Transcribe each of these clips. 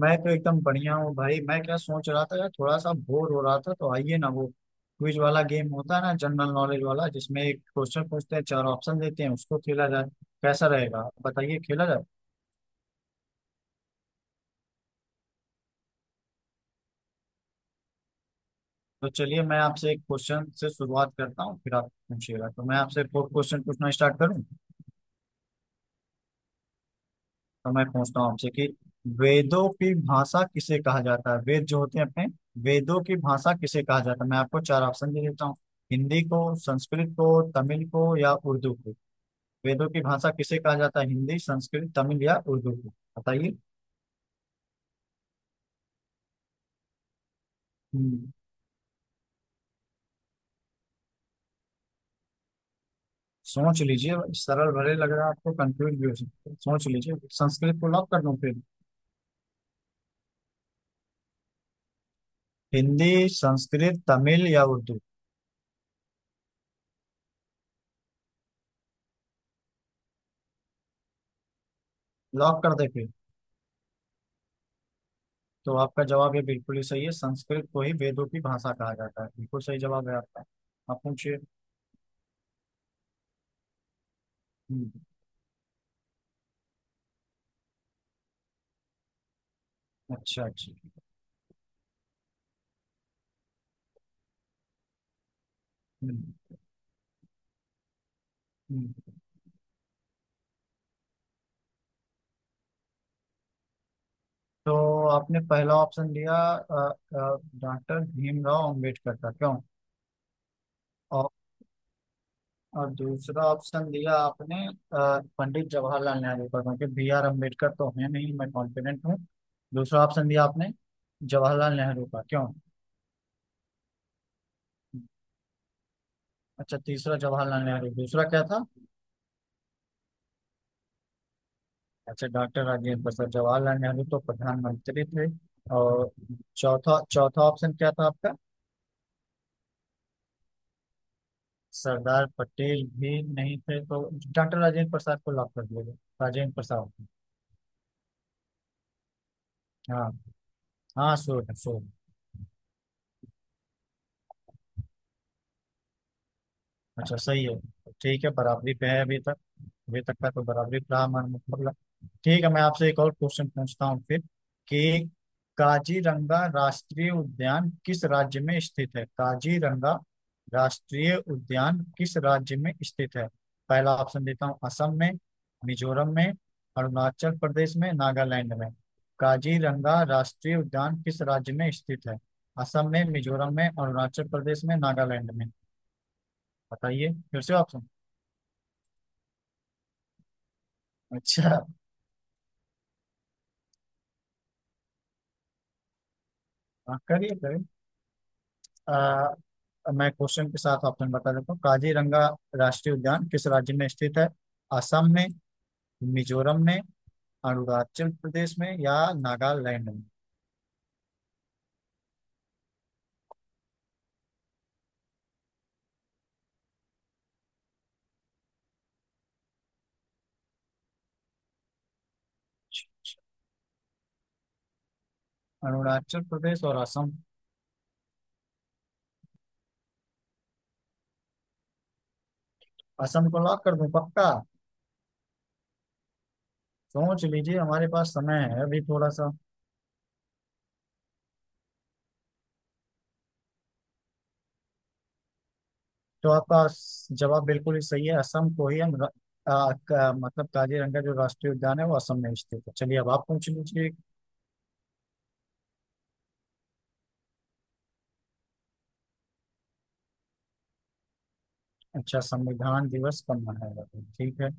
मैं तो एकदम बढ़िया हूँ भाई। मैं क्या सोच रहा था यार, थोड़ा सा बोर हो रहा था, तो आइए ना, वो क्विज वाला गेम होता है ना, जनरल नॉलेज वाला, जिसमें एक क्वेश्चन पूछते हैं, चार ऑप्शन देते हैं, उसको खेला जाए। कैसा रहेगा, बताइए, खेला जाए। तो चलिए, मैं आपसे एक क्वेश्चन से शुरुआत करता हूँ, फिर आप पूछिएगा। तो मैं आपसे फोर्थ क्वेश्चन पूछना स्टार्ट करूँ। तो मैं पूछता हूँ आपसे कि वेदों की भाषा किसे कहा जाता है? वेद जो होते हैं अपने, वेदों की भाषा किसे कहा जाता है? मैं आपको चार ऑप्शन दे देता हूँ। हिंदी को, संस्कृत को, तमिल को या उर्दू को। वेदों की भाषा किसे कहा जाता है? हिंदी, संस्कृत, तमिल या उर्दू को। बताइए। हम्म। सोच लीजिए। सरल भले लग रहा है आपको, कंफ्यूज भी हो सकता है, सोच लीजिए। संस्कृत को लॉक कर दूं फिर? हिंदी, संस्कृत, तमिल या उर्दू? लॉक कर दे फिर। तो आपका जवाब ये बिल्कुल ही सही है, संस्कृत को ही वेदों की भाषा कहा जाता है। बिल्कुल सही जवाब है आपका। आप पूछिए। हम्म। अच्छा, अच्छा। हम्म। हम्म। तो आपने पहला ऑप्शन दिया, डॉक्टर भीमराव अम्बेडकर का, क्यों? और दूसरा ऑप्शन दिया आपने पंडित जवाहरलाल नेहरू का, क्योंकि बी आर अम्बेडकर तो है नहीं, मैं कॉन्फिडेंट हूँ। दूसरा ऑप्शन दिया आपने जवाहरलाल नेहरू का, क्यों? अच्छा, तीसरा जवाहरलाल नेहरू, दूसरा क्या था? अच्छा, डॉक्टर राजेंद्र प्रसाद। जवाहरलाल नेहरू तो प्रधानमंत्री थे, और चौथा चौथा ऑप्शन क्या था आपका? सरदार पटेल भी नहीं थे, तो डॉक्टर राजेंद्र प्रसाद को लॉक कर दिया जाए। राजेंद्र प्रसाद। हाँ, हाँ, श्योर है, श्योर। अच्छा, सही है। ठीक है, बराबरी पे है अभी तक। अभी तक का तो बराबरी रहा हमारा, मतलब। ठीक है, मैं आपसे एक और क्वेश्चन पूछता हूँ फिर, कि काजीरंगा राष्ट्रीय उद्यान किस राज्य में स्थित है? काजीरंगा राष्ट्रीय उद्यान किस राज्य में स्थित है? पहला ऑप्शन देता हूँ, असम में, मिजोरम में, अरुणाचल प्रदेश में, नागालैंड में। काजीरंगा राष्ट्रीय उद्यान किस राज्य में स्थित है? असम में, मिजोरम में, अरुणाचल प्रदेश में, नागालैंड में। बताइए फिर से ऑप्शन। अच्छा। हाँ, करिए करिए। आ, अब मैं क्वेश्चन के साथ ऑप्शन बता देता हूँ। काजीरंगा राष्ट्रीय उद्यान किस राज्य में स्थित है? असम में, मिजोरम में, अरुणाचल प्रदेश में या नागालैंड में? अरुणाचल प्रदेश और असम। असम को लॉक कर दूं पक्का? सोच लीजिए, हमारे पास समय है अभी थोड़ा सा। तो आपका जवाब बिल्कुल ही सही है, असम को ही हम मतलब काजीरंगा जो राष्ट्रीय उद्यान है वो असम में स्थित है। चलिए, अब आप पूछ लीजिए। अच्छा, संविधान दिवस कब मनाया जाता है, ठीक है।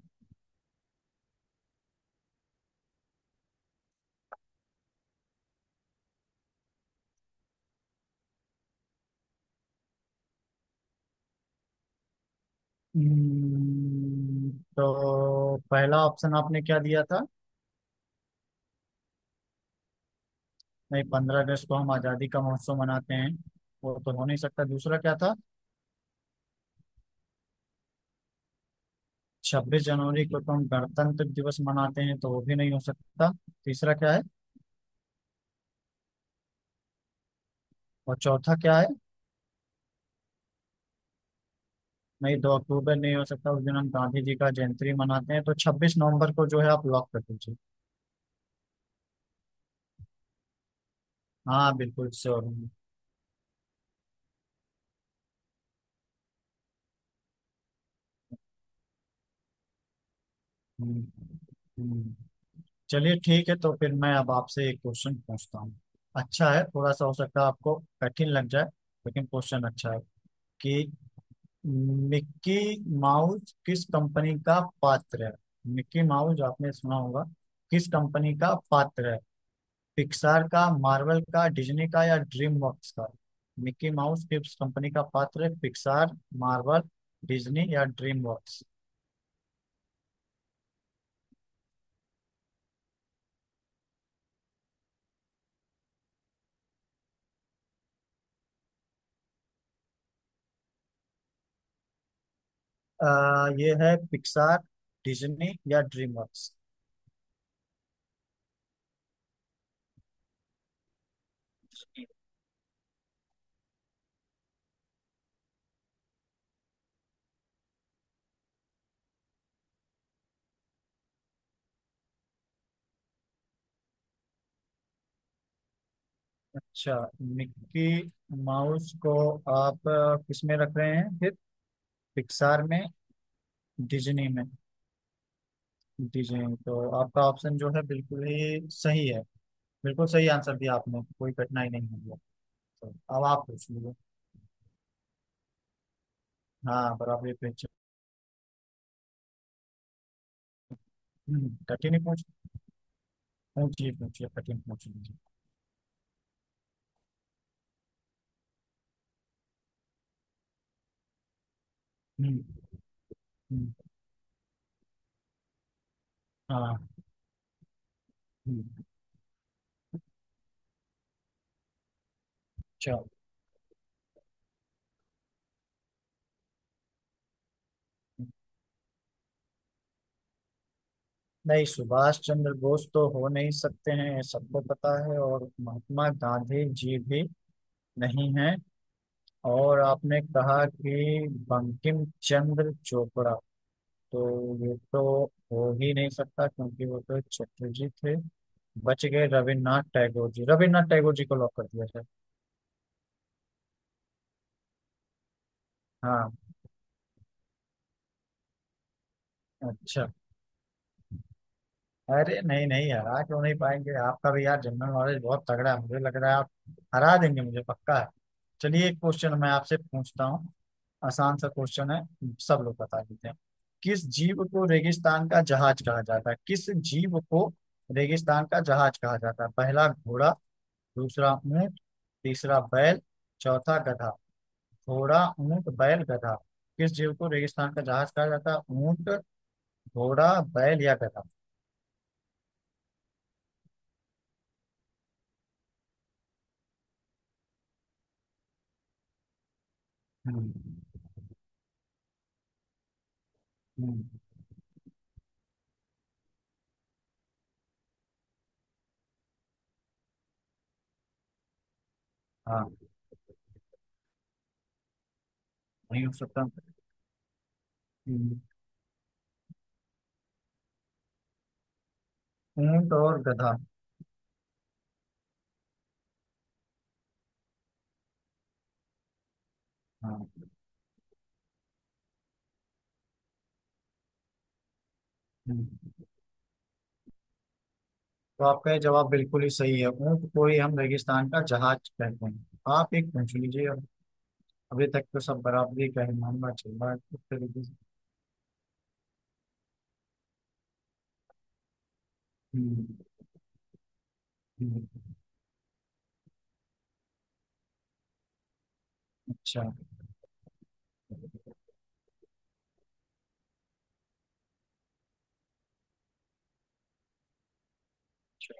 हम्म। तो पहला ऑप्शन आपने क्या दिया था? नहीं, 15 अगस्त को हम आज़ादी का महोत्सव मनाते हैं, वो तो हो नहीं सकता। दूसरा क्या था? 26 जनवरी को तो हम गणतंत्र दिवस मनाते हैं, तो वो भी नहीं हो सकता। तीसरा क्या है? और चौथा क्या है? नहीं, 2 अक्टूबर नहीं हो सकता, उस दिन हम गांधी जी का जयंती मनाते हैं। तो 26 नवंबर को जो है आप लॉक कर दीजिए। हाँ, बिल्कुल श्योर हूँ। हम्म। हम्म। चलिए, ठीक है। तो फिर मैं अब आपसे एक क्वेश्चन पूछता हूँ, अच्छा है, थोड़ा सा हो सकता है आपको कठिन लग जाए, लेकिन क्वेश्चन अच्छा है, कि मिक्की माउस किस कंपनी का पात्र है? मिक्की माउस आपने सुना होगा, किस कंपनी का पात्र है? पिक्सार का, मार्वल का, डिज्नी का या ड्रीम वर्क्स का? मिक्की माउस किस कंपनी का पात्र है? पिक्सार, मार्वल, डिज्नी या ड्रीम वर्क्स? ये है पिक्सार, डिज्नी या ड्रीम वर्क्स। अच्छा, मिक्की माउस को आप किस में रख रहे हैं फिर? पिक्सार में? डिज्नी में? डिज्नी, तो आपका ऑप्शन जो है बिल्कुल ही सही है, बिल्कुल सही आंसर दिया आपने, कोई कठिनाई नहीं हुई है। तो अब आप पूछ लीजिए। हाँ, बराबर, ये पूछिए। कठिन ही पूछिए पूछिए, कठिन पूछ लीजिए। हम्म। हम्म। हाँ। हम्म। अच्छा। नहीं, सुभाष चंद्र बोस तो हो नहीं सकते हैं, ये सबको पता है, और महात्मा गांधी जी भी नहीं है। और आपने कहा कि बंकिम चंद्र चोपड़ा, तो ये तो हो ही नहीं सकता, क्योंकि वो तो एक चटर्जी थे। बच गए रविन्द्रनाथ टैगोर जी, रविन्द्रनाथ टैगोर जी को लॉक कर दिया सर। हाँ। अच्छा। अरे नहीं, नहीं, हरा क्यों नहीं पाएंगे? आपका भी यार जनरल नॉलेज बहुत तगड़ा है, मुझे लग रहा है आप हरा देंगे मुझे, पक्का है। चलिए, एक क्वेश्चन मैं आपसे पूछता हूँ, आसान सा क्वेश्चन है, सब लोग बता देते हैं। किस जीव को रेगिस्तान का जहाज कहा जाता है? किस जीव को रेगिस्तान का जहाज कहा जाता है? पहला घोड़ा, दूसरा ऊंट, तीसरा बैल, चौथा गधा। घोड़ा, ऊंट, बैल, गधा। किस जीव को रेगिस्तान का जहाज कहा जाता है? ऊंट, घोड़ा, बैल या गधा? हम्म। हम्म। हाँ, नहीं हो सकता। ऊंट और गधा। हाँ। हम्म। तो आपका ये जवाब बिल्कुल ही सही है, ऊंट को ही हम रेगिस्तान का जहाज कहते हैं। आप एक पूछ लीजिए अब। अभी तक तो सब बराबरी ही का ही मामला चल रहा है उस तरीके से। हम्म। हम्म। अच्छा, अच्छा,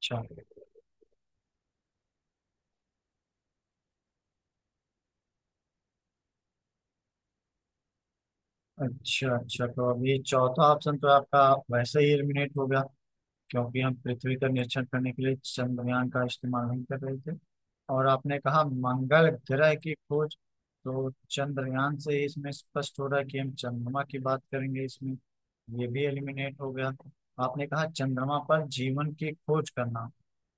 अच्छा, अच्छा, अच्छा। तो अब ये चौथा ऑप्शन तो आपका वैसे ही एलिमिनेट हो गया, क्योंकि हम पृथ्वी का निरीक्षण करने के लिए चंद्रयान का इस्तेमाल नहीं कर रहे थे। और आपने कहा मंगल ग्रह की खोज, तो चंद्रयान से ही इसमें स्पष्ट हो रहा है कि हम चंद्रमा की बात करेंगे इसमें, ये भी एलिमिनेट हो गया। आपने कहा चंद्रमा पर जीवन की खोज करना,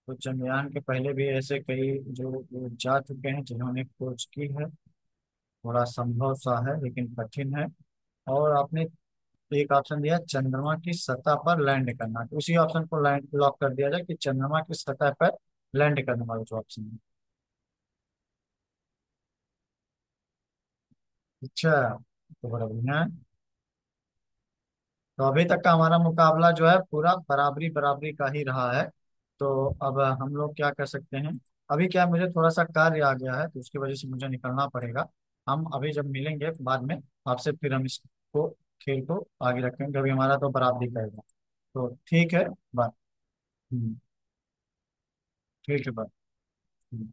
तो चंद्रयान के पहले भी ऐसे कई जो लोग जा चुके हैं जिन्होंने खोज की है, थोड़ा संभव सा है लेकिन कठिन है। और आपने तो एक ऑप्शन दिया चंद्रमा की सतह पर लैंड करना, तो उसी ऑप्शन को लैंड लॉक कर दिया जाए, कि चंद्रमा की सतह पर लैंड करने वाला जो ऑप्शन है। अच्छा, तो बड़ा बढ़िया है। तो अभी तक का हमारा मुकाबला जो है पूरा बराबरी बराबरी का ही रहा है। तो अब हम लोग क्या कर सकते हैं? अभी क्या है, मुझे थोड़ा सा कार्य आ गया है तो उसकी वजह से मुझे निकलना पड़ेगा। हम अभी जब मिलेंगे बाद में, आपसे फिर हम इसको, खेल को आगे रखेंगे, अभी हमारा तो बराबरी का ही है। तो ठीक है, बाय। हम्म। ठीक है, बाय। हम्म।